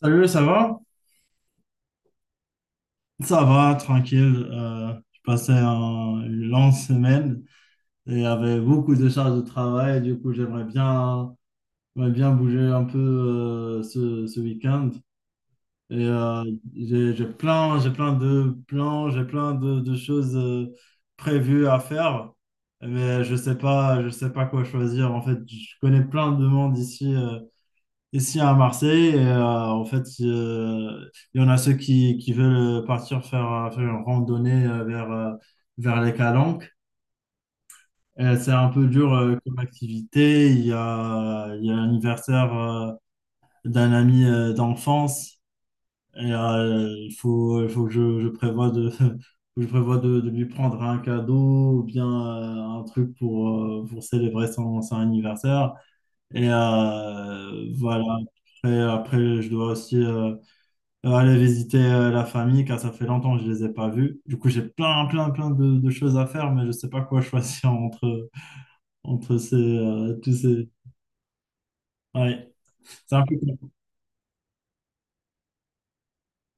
Salut, ça va? Ça va, tranquille. Je passais une longue semaine et avec beaucoup de charges de travail. Du coup, j'aimerais bien bouger un peu ce week-end. Et euh, j'ai plein de plans, j'ai plein de choses prévues à faire. Mais je sais pas quoi choisir. En fait, je connais plein de monde ici. Ici à Marseille, en fait, il y en a ceux qui veulent partir faire, faire une randonnée vers les Calanques. Et c'est un peu dur comme activité. Il y a l'anniversaire d'un ami d'enfance il faut que je prévoie de, que je prévois de lui prendre un cadeau ou bien un truc pour célébrer son anniversaire. Voilà, après, je dois aussi aller visiter la famille, car ça fait longtemps que je les ai pas vus. Du coup, plein de choses à faire, mais je sais pas quoi choisir entre, entre ces, tous ces. Ouais, c'est un peu compliqué.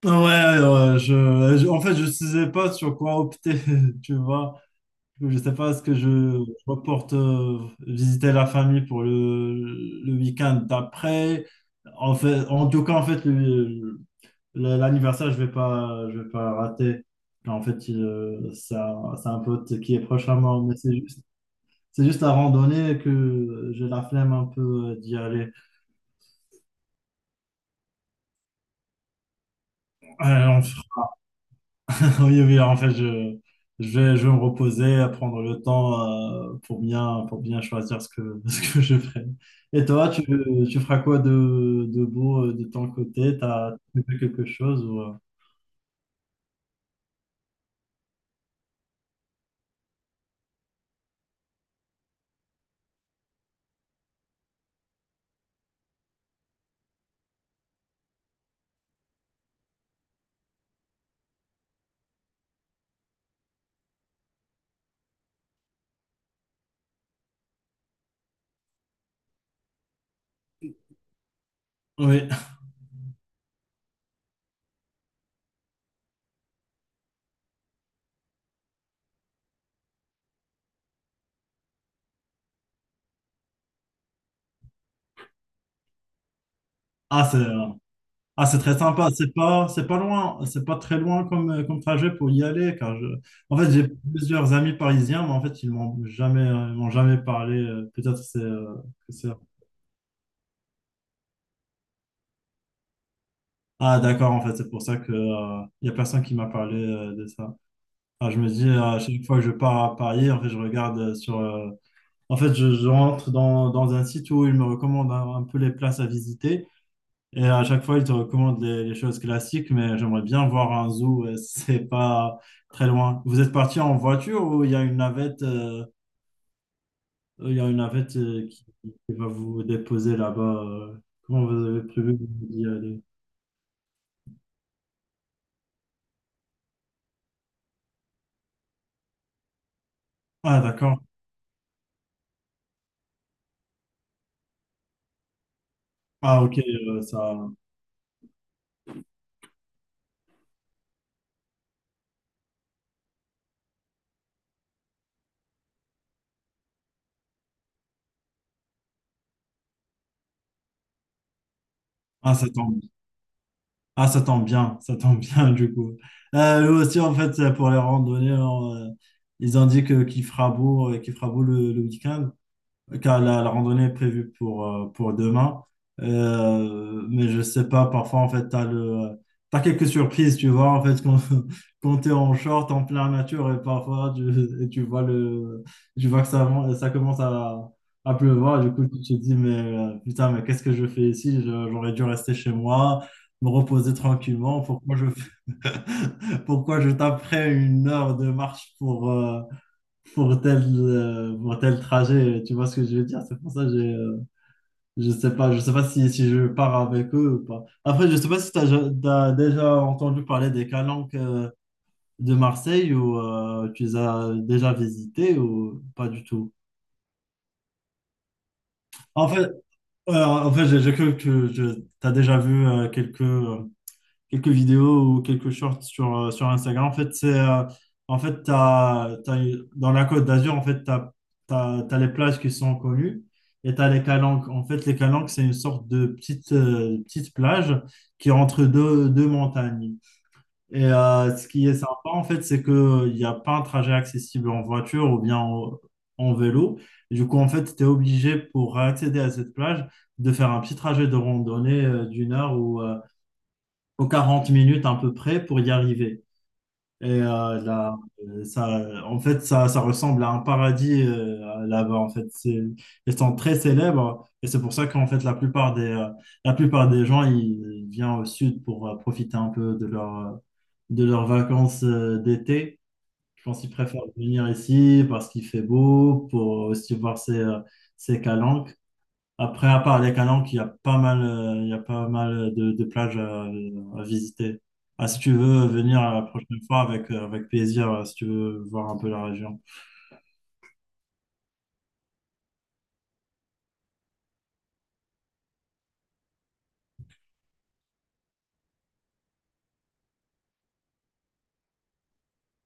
En fait, je ne sais pas sur quoi opter, tu vois. Je ne sais pas ce que je reporte visiter la famille pour le week-end d'après. En fait, en tout cas, en fait, l'anniversaire, je vais pas rater. En fait, c'est un pote qui est proche à moi, mais c'est juste la randonnée que j'ai la flemme un peu d'y aller. Ouais, oui, oui, en fait, je vais me reposer, prendre le temps pour bien choisir ce que, ce que je ferai. Et toi, tu feras quoi de beau de ton côté? T'as tu fais quelque chose Oui. Ah, c'est, euh, Ah, c'est très sympa. C'est pas loin, c'est pas très loin comme, comme trajet pour y aller, en fait, j'ai plusieurs amis parisiens, mais en fait, ils m'ont jamais parlé. Peut-être c'est, que c'est. Ah, d'accord. En fait, c'est pour ça que, y a personne qui m'a parlé, de ça. Ah, je me dis, à chaque fois que je pars à Paris, en fait, je regarde en fait, je rentre dans, dans un site où ils me recommandent un peu les places à visiter. Et à chaque fois, ils te recommandent les choses classiques, mais j'aimerais bien voir un zoo, si c'est pas très loin. Vous êtes parti en voiture ou il y a une navette qui va vous déposer là-bas? Comment vous avez prévu d'y aller? Ah, d'accord. Ah, ok, ah, ça tombe. Ah, ça tombe bien, ça tombe bien du coup. Nous aussi, en fait, pour les randonnées, on, ils ont dit que qu'il fera beau le week-end. Car la randonnée est prévue pour demain. Mais je sais pas, parfois, en fait, t'as quelques surprises, tu vois, en fait, quand, quand t'es en short, en plein nature, et parfois, tu, et tu vois tu vois que ça, ça commence à pleuvoir, du coup, tu te dis, mais putain, mais qu'est-ce que je fais ici? J'aurais dû rester chez moi, me reposer tranquillement, pourquoi je, pourquoi je taperais une heure de marche pour tel trajet. Tu vois ce que je veux dire? C'est pour ça que j'ai, je sais pas si je pars avec eux ou pas. Après, je sais pas si tu as déjà entendu parler des Calanques de Marseille ou tu les as déjà visités ou pas du tout. En fait, j'ai cru que tu as déjà vu quelques quelques vidéos ou quelques shorts sur, sur Instagram. En fait, c'est, en fait, dans la Côte d'Azur, en fait, tu as les plages qui sont connues et tu as les calanques. En fait, les calanques, c'est une sorte de petite, petite plage qui est entre deux, deux montagnes. Ce qui est sympa, en fait, c'est qu'il n'y a pas un trajet accessible en voiture ou bien en, en vélo. Du coup, en fait, tu es obligé pour accéder à cette plage de faire un petit trajet de randonnée d'une heure ou aux 40 minutes à peu près pour y arriver. Là, ça, en fait, ça ressemble à un paradis là-bas. En fait, c'est, ils sont très célèbres et c'est pour ça qu'en fait, la plupart des gens, ils viennent au sud pour profiter un peu de leur, de leurs vacances d'été. Je pense qu'ils préfèrent venir ici parce qu'il fait beau, pour aussi voir ces, ces calanques. Après, à part les Calanques, il y a pas mal de plages à visiter. Ah, si tu veux venir la prochaine fois avec, avec plaisir, si tu veux voir un peu la région.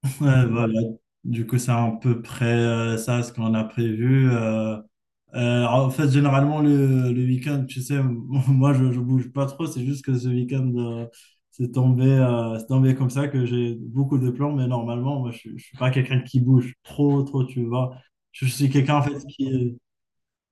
Ouais, voilà. Du coup, c'est à peu près ça ce qu'on a prévu. En fait, généralement, le week-end, tu sais, moi, je bouge pas trop. C'est juste que ce week-end, c'est tombé comme ça que j'ai beaucoup de plans. Mais normalement, moi, je suis pas quelqu'un qui bouge trop, trop, tu vois. Je suis quelqu'un, en fait, qui,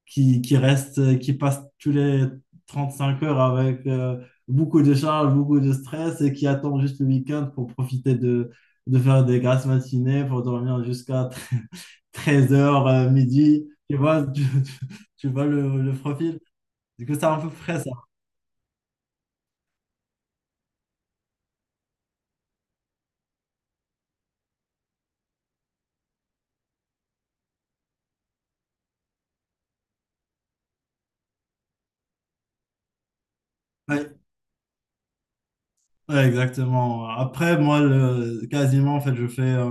qui, qui reste, qui passe tous les 35 heures avec beaucoup de charges, beaucoup de stress et qui attend juste le week-end pour profiter de faire des grasses matinées, pour dormir jusqu'à 13 heures, midi. Tu vois, tu, tu vois le profil. Du coup, c'est à peu près ça. Ouais, ouais, exactement. Après, moi, quasiment, en fait, je fais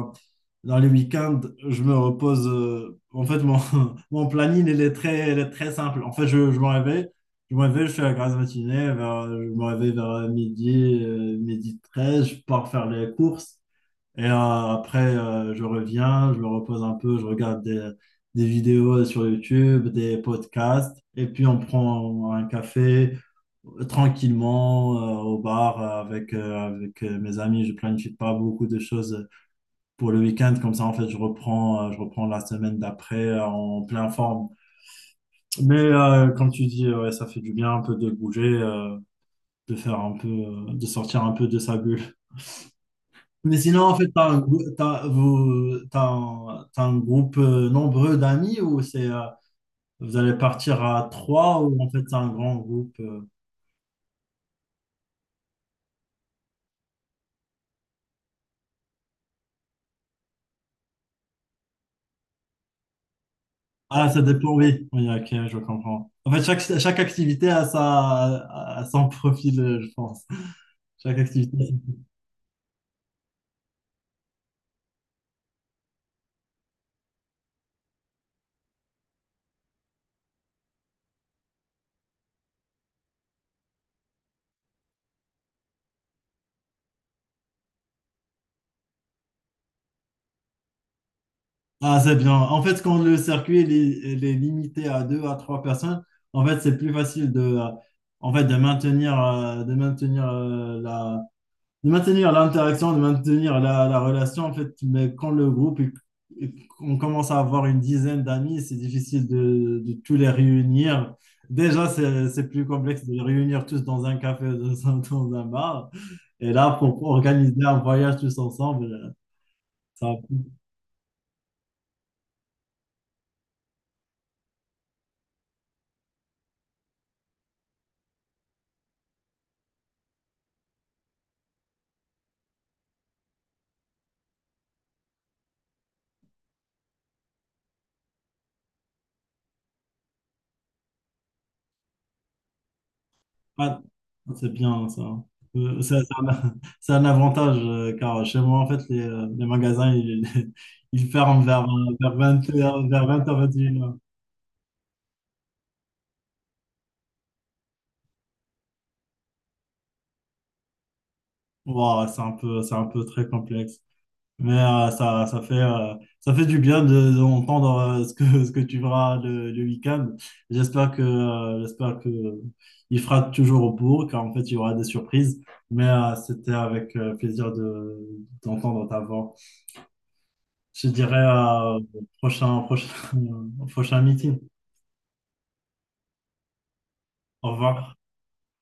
dans les week-ends, je me repose. En fait, mon, mon planning, il est très simple. En fait, je me réveille, je fais la grasse matinée, je me réveille vers midi, midi 13 je pars faire les courses. Et euh, après, je reviens, je me repose un peu, je regarde des vidéos sur YouTube, des podcasts, et puis on prend un café tranquillement au bar avec mes amis. Je planifie pas beaucoup de choses pour le week-end. Comme ça, en fait, je reprends la semaine d'après en pleine forme. Comme tu dis, ouais, ça fait du bien un peu de bouger, de faire un peu, de sortir un peu de sa bulle. Mais sinon, en fait, t'as un groupe nombreux d'amis ou c'est, vous allez partir à trois ou en fait, c'est un grand groupe? Ah, ça dépend, oui. Oui, ok, je comprends. En fait, chaque activité a, sa, a son profil, je pense. Chaque activité. Ah, c'est bien. En fait, quand le circuit il est limité à deux à trois personnes, en fait, c'est plus facile de, en fait, de maintenir, de maintenir de maintenir l'interaction, de maintenir la relation, en fait, mais quand le groupe, est- on commence à avoir une dizaine d'amis, c'est difficile de tous les réunir. Déjà, c'est plus complexe de les réunir tous dans un café, ou dans un bar. Et là, pour organiser un voyage tous ensemble, ça va pas- c'est bien, ça. C'est c'est un avantage, car chez moi, en fait, les magasins, ils, ils ferment vers, vers 20h, vers 20h. Ouah, c'est un peu très complexe. Ça, ça fait du bien de, d'entendre ce que, ce que tu verras le week-end. J'espère que il fera toujours au bourg, car en fait, il y aura des surprises. C'était avec plaisir d'entendre ta voix. Je dirais prochain, prochain, prochain meeting. Au revoir.